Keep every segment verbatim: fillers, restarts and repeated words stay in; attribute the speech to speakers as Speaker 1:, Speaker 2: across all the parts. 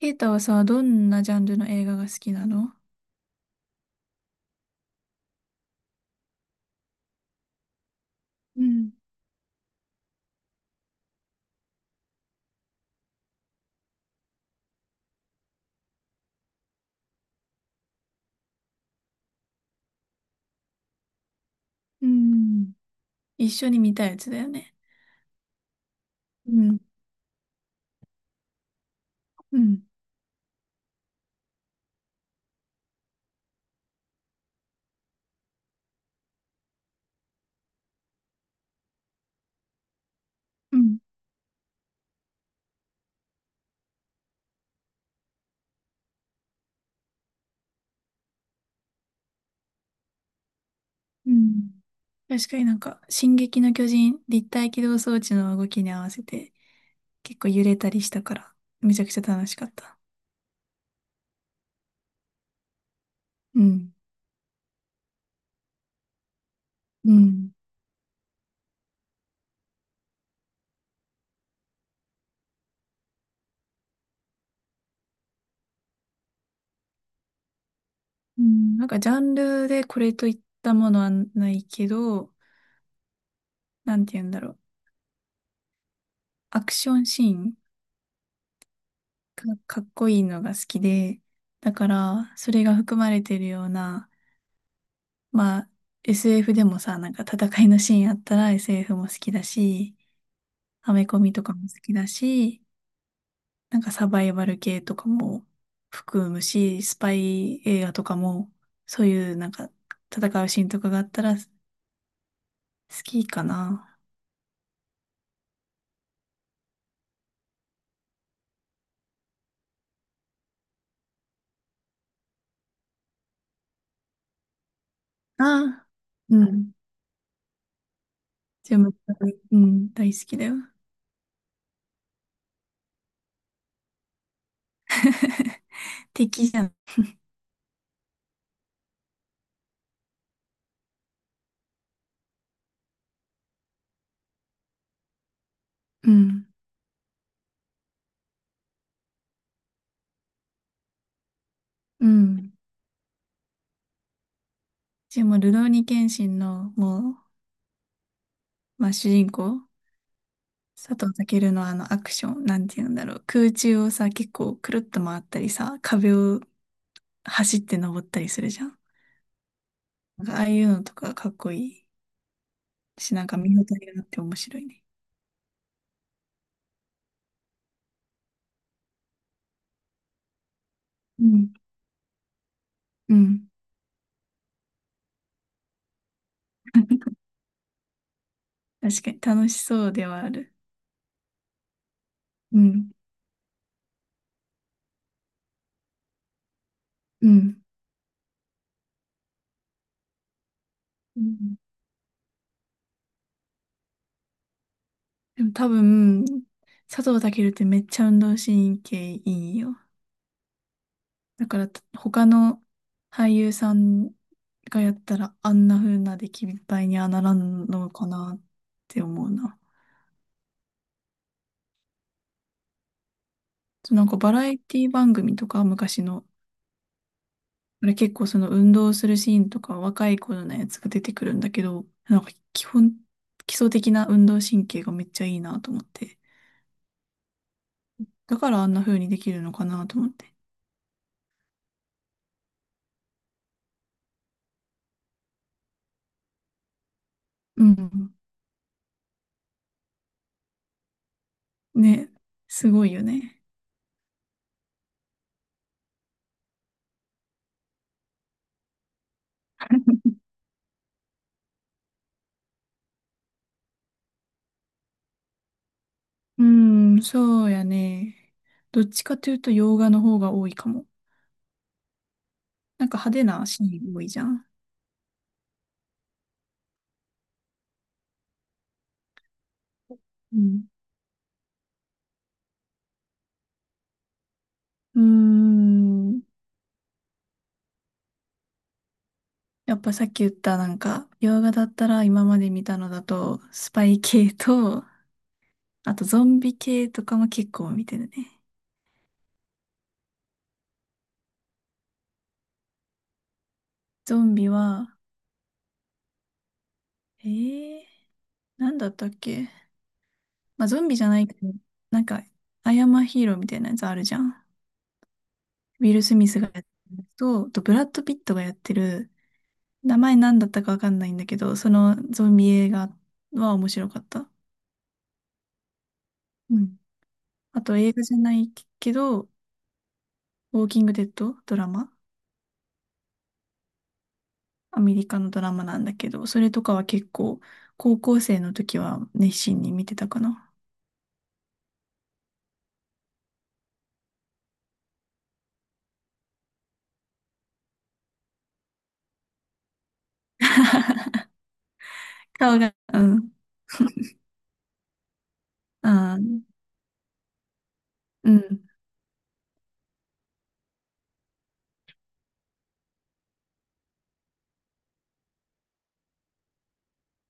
Speaker 1: ケイタはさ、どんなジャンルの映画が好きなの？うん。うん、一緒に見たやつだよね。うん。うん。うん。うん。確かになんか、進撃の巨人、立体起動装置の動きに合わせて、結構揺れたりしたから、めちゃくちゃ楽しかった。うん。うん。うんなんか、ジャンルでこれといったものはないけど、なんて言うんだろう。アクションシーンか、かっこいいのが好きで、だから、それが含まれてるような、まあ、エスエフ でもさ、なんか戦いのシーンあったら エスエフ も好きだし、アメコミとかも好きだし、なんかサバイバル系とかも含むし、スパイ映画とかも、そういうなんか戦うシーンとかがあったら好きかな。ああ、うん。じゃ分、うん、大好きだよ。敵じゃん。うん。うん。でも、ルローニケンシンの、もう、まあ、主人公佐藤健のあのアクション、なんて言うんだろう。空中をさ、結構くるっと回ったりさ、壁を走って登ったりするじゃん。なんかああいうのとかかっこいいし、なんか見応えがあって面白いね。うん。うん。確かに楽しそうではある。うん。うん。うん、でも多分、佐藤健ってめっちゃ運動神経いいよ。だから、他の俳優さんがやったら、あんな風な出来栄えにはならんのかなって思うな。そうなんかバラエティ番組とか、昔の、あれ結構その運動するシーンとか、若い頃のやつが出てくるんだけど、なんか基本、基礎的な運動神経がめっちゃいいなと思って。だからあんな風にできるのかなと思って。うん。ね、すごいよね。うん、そうやね。どっちかというと洋画の方が多いかも。なんか派手なシーン多いじゃん。うん。うーん。やっぱさっき言ったなんか、洋画だったら今まで見たのだと、スパイ系と、あとゾンビ系とかも結構見てるね。ゾンビは、えー、なんだったっけ？まあゾンビじゃないけど、なんか、アイアンマンヒーローみたいなやつあるじゃん。ウィル・スミスがやってるやつと、あとブラッド・ピットがやってる、名前なんだったかわかんないんだけど、そのゾンビ映画は面白かった。うん。あと映画じゃないけど、ウォーキングデッドドラマ、アメリカのドラマなんだけど、それとかは結構高校生の時は熱心に見てたかな。顔が、うん、あー、うん、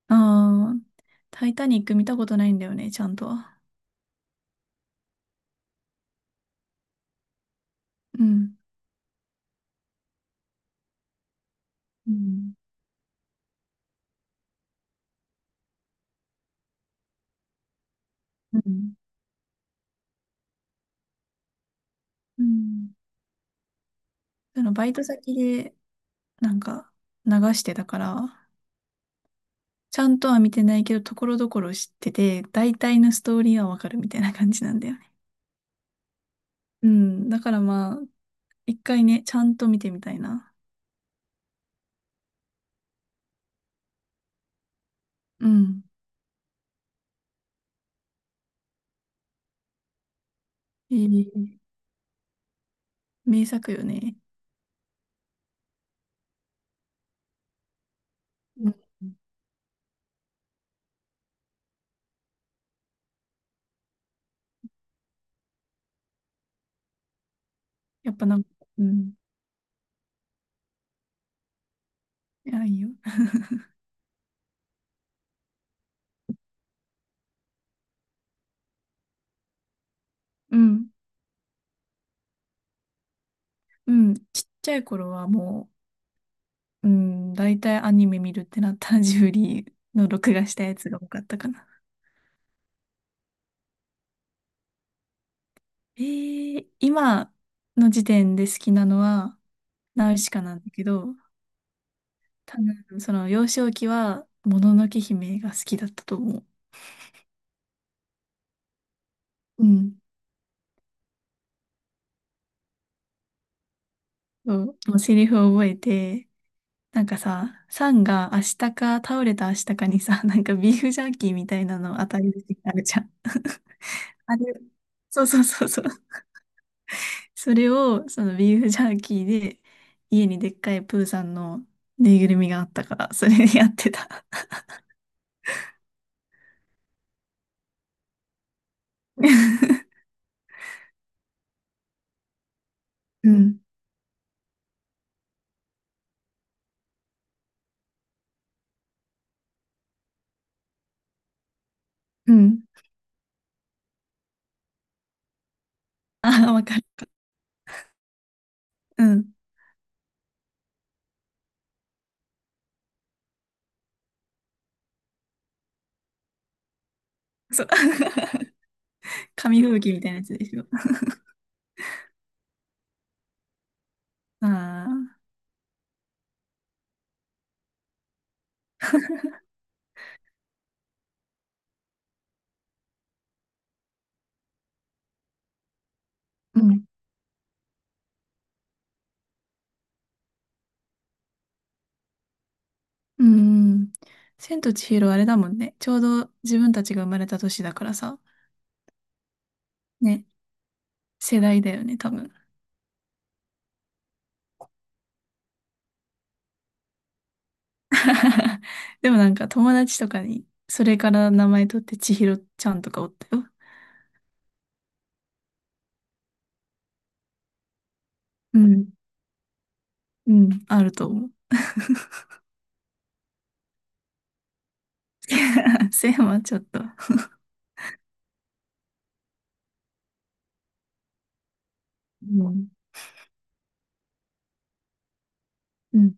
Speaker 1: ああ、タイタニック見たことないんだよね、ちゃんとは。うん。うん。うん。うん。そのバイト先でなんか流してたから、ちゃんとは見てないけど、ところどころ知ってて、大体のストーリーはわかるみたいな感じなんだよね。うん。だからまあ、一回ね、ちゃんと見てみたいな。うん。いい、名作よね。うん。やっぱなんか、うん。いや、いいよ。うん。うん。ちっちゃい頃はもう、うん、大体アニメ見るってなったらジブリの録画したやつが多かったかな。えー、今の時点で好きなのは、ナウシカなんだけど、多分その幼少期は、もののけ姫が好きだったと思う。うん。そう、もうセリフを覚えて、なんかさ、サンが明日か倒れた明日かにさ、なんかビーフジャーキーみたいなの当たり出てあるじゃん。あれ、そうそうそうそう。それを、そのビーフジャーキーで、家にでっかいプーさんのぬいぐるみがあったから、それでやってた。うん。うん。ああ、わかる。うん。そう。紙吹雪みたいなやつでしょ。ああ。うん。うん。千と千尋あれだもんね。ちょうど自分たちが生まれた年だからさ。ね。世代だよね、多分。でもなんか友達とかに、それから名前取って千尋ちゃんとかおったよ。うん。うん。あると思う。せいはちょっと。うん。うん